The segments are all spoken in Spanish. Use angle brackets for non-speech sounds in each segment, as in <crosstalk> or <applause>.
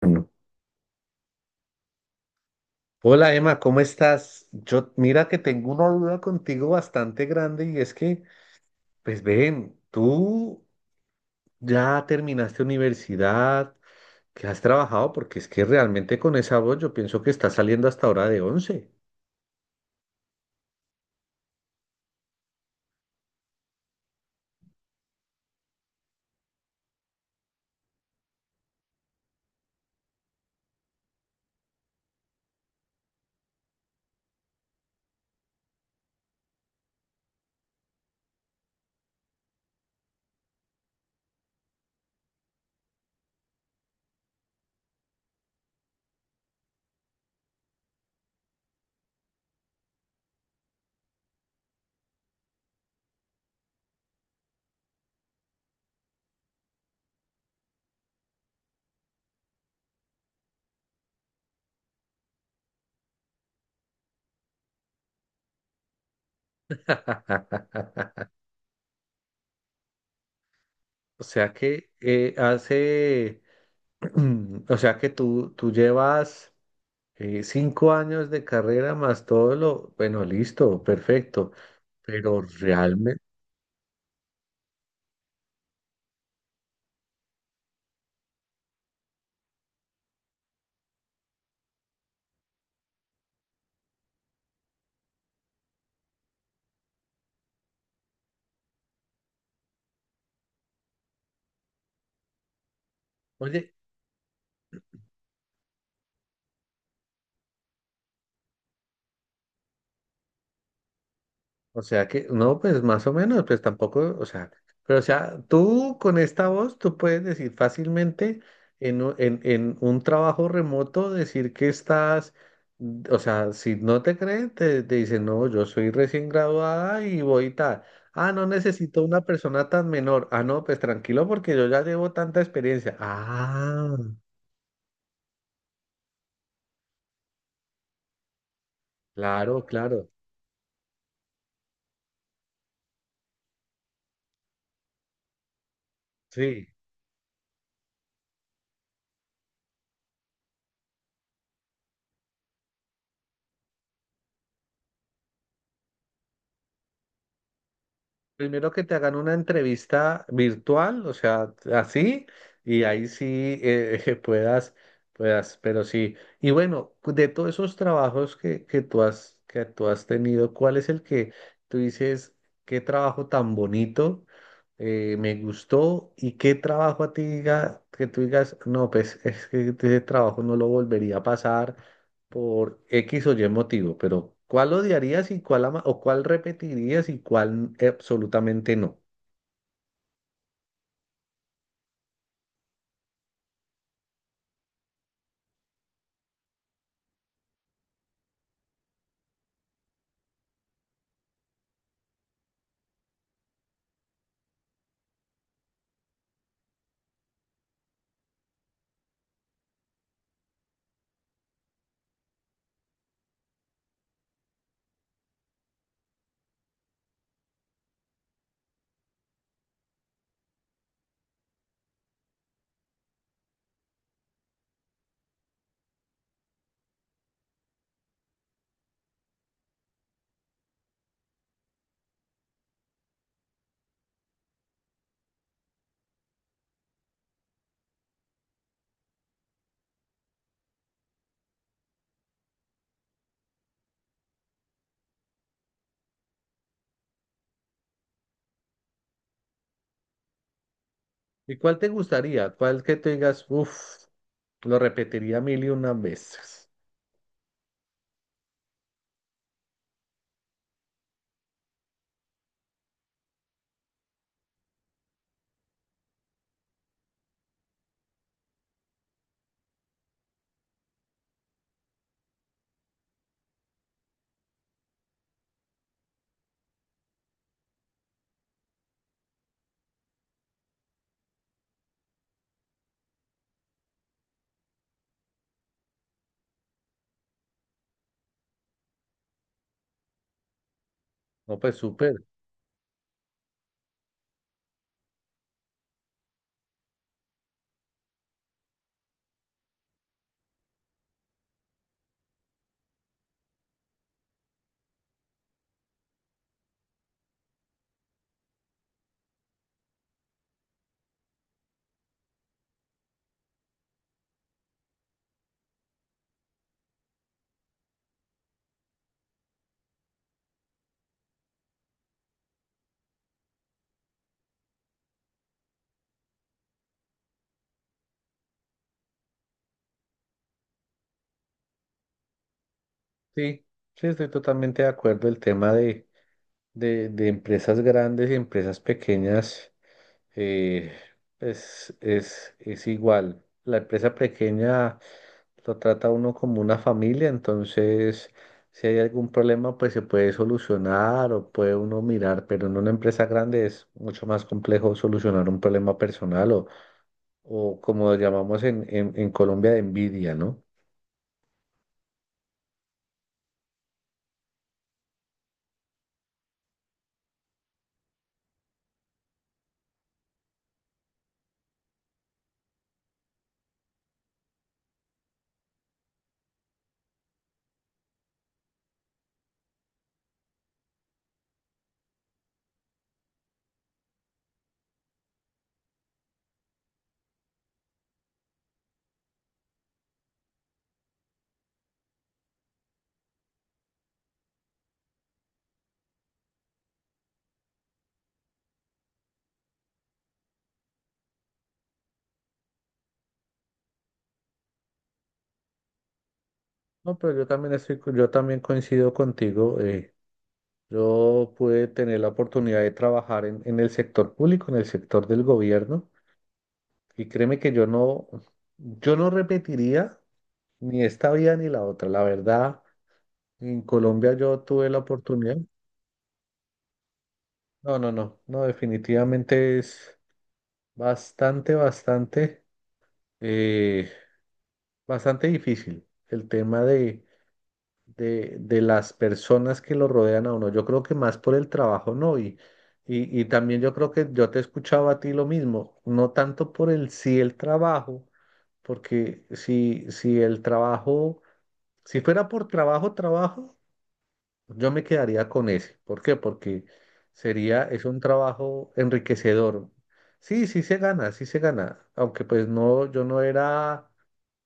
Bueno, hola Emma, ¿cómo estás? Yo, mira que tengo una duda contigo bastante grande y es que, pues ven, tú ya terminaste universidad, que has trabajado, porque es que realmente con esa voz yo pienso que estás saliendo hasta ahora de once. <laughs> O sea que hace, <clears throat> o sea que tú llevas 5 años de carrera más todo lo, bueno, listo, perfecto, pero realmente, oye. O sea que, no, pues más o menos, pues tampoco, o sea, pero o sea, tú con esta voz, tú puedes decir fácilmente en un trabajo remoto, decir que estás, o sea, si no te creen, te dicen, no, yo soy recién graduada y voy tal. Ah, no necesito una persona tan menor. Ah, no, pues tranquilo porque yo ya llevo tanta experiencia. Ah, claro, claro, sí. Primero que te hagan una entrevista virtual, o sea, así, y ahí sí eh, <laughs> puedas, puedas, pero sí. Y bueno, de todos esos trabajos que tú has tenido, ¿cuál es el que tú dices, qué trabajo tan bonito, me gustó, y qué trabajo a ti diga, que tú digas, no, pues es que ese trabajo no lo volvería a pasar, por X o Y motivo, pero ¿cuál odiarías y cuál ama o cuál repetirías y cuál absolutamente no? ¿Y cuál te gustaría? ¿Cuál que te digas, uff, lo repetiría mil y una veces? No, pues súper. Sí, sí, estoy totalmente de acuerdo. El tema de empresas grandes y empresas pequeñas eh, pues, es igual. La empresa pequeña lo trata uno como una familia, entonces si hay algún problema pues se puede solucionar o puede uno mirar, pero en una empresa grande es mucho más complejo solucionar un problema personal o como lo llamamos en Colombia de envidia, ¿no? No, pero yo también yo también coincido contigo. Yo pude tener la oportunidad de trabajar en el sector público, en el sector del gobierno, y créeme que yo no repetiría ni esta vida ni la otra, la verdad. En Colombia yo tuve la oportunidad. No, no, no, no, definitivamente es bastante, bastante, eh, bastante difícil el tema de las personas que lo rodean a uno. Yo creo que más por el trabajo, ¿no? Y también yo creo que yo te escuchaba a ti lo mismo, no tanto por el sí el trabajo, porque si el trabajo, si fuera por trabajo, trabajo. Yo me quedaría con ese. ¿Por qué? Porque sería, es un trabajo enriquecedor. Sí, sí se gana, sí se gana. Aunque pues no, yo no era,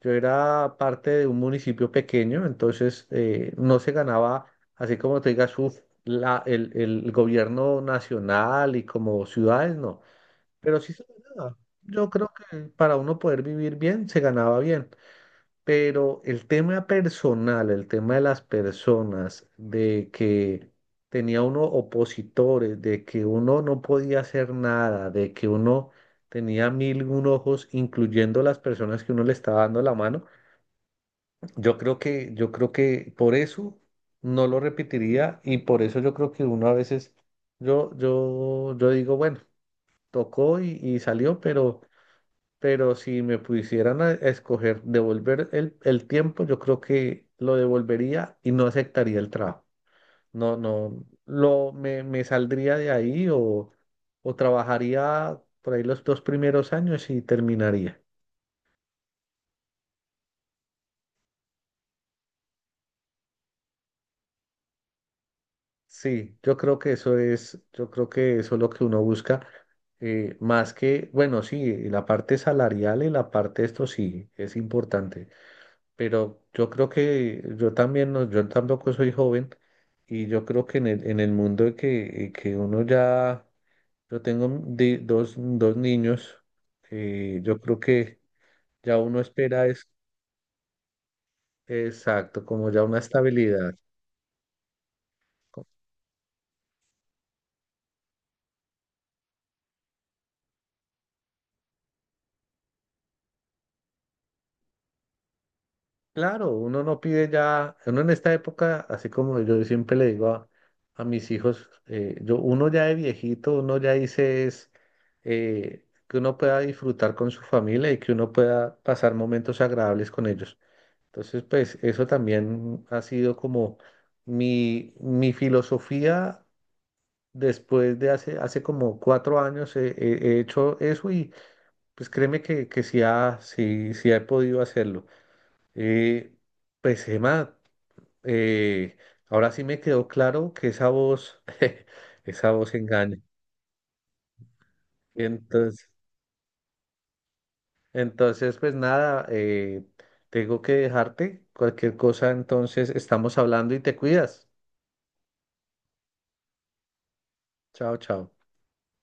yo era parte de un municipio pequeño, entonces no se ganaba, así como te digas, uf, el gobierno nacional y como ciudades, no. Pero sí se ganaba. Yo creo que para uno poder vivir bien, se ganaba bien. Pero el tema personal, el tema de las personas, de que tenía uno opositores, de que uno no podía hacer nada, de que uno tenía mil y un ojos, incluyendo las personas que uno le estaba dando la mano, yo creo que por eso no lo repetiría y por eso yo creo que uno a veces, yo digo, bueno, tocó y salió, pero si me pusieran a escoger devolver el tiempo, yo creo que lo devolvería y no aceptaría el trabajo. No, no, lo, me saldría de ahí o trabajaría por ahí los 2 primeros años y terminaría. Sí, yo creo que yo creo que eso es lo que uno busca, más que, bueno, sí, y la parte salarial y la parte esto sí es importante. Pero yo creo que yo también, no, yo tampoco soy joven y yo creo que en el mundo de que uno ya, yo tengo dos niños, yo creo que ya uno espera es, exacto, como ya una estabilidad. Claro, uno no pide ya, uno en esta época, así como yo siempre le digo a mis hijos, yo, uno ya de viejito, uno ya dice es que uno pueda disfrutar con su familia y que uno pueda pasar momentos agradables con ellos. Entonces, pues eso también ha sido como mi filosofía después de hace como 4 años hecho eso y pues créeme que sí, sí, sí he podido hacerlo. Eh, pues Emma eh, ahora sí me quedó claro que esa voz, <laughs> esa voz engaña. Entonces, entonces pues nada, tengo que dejarte. Cualquier cosa, entonces estamos hablando y te cuidas. Chao, chao.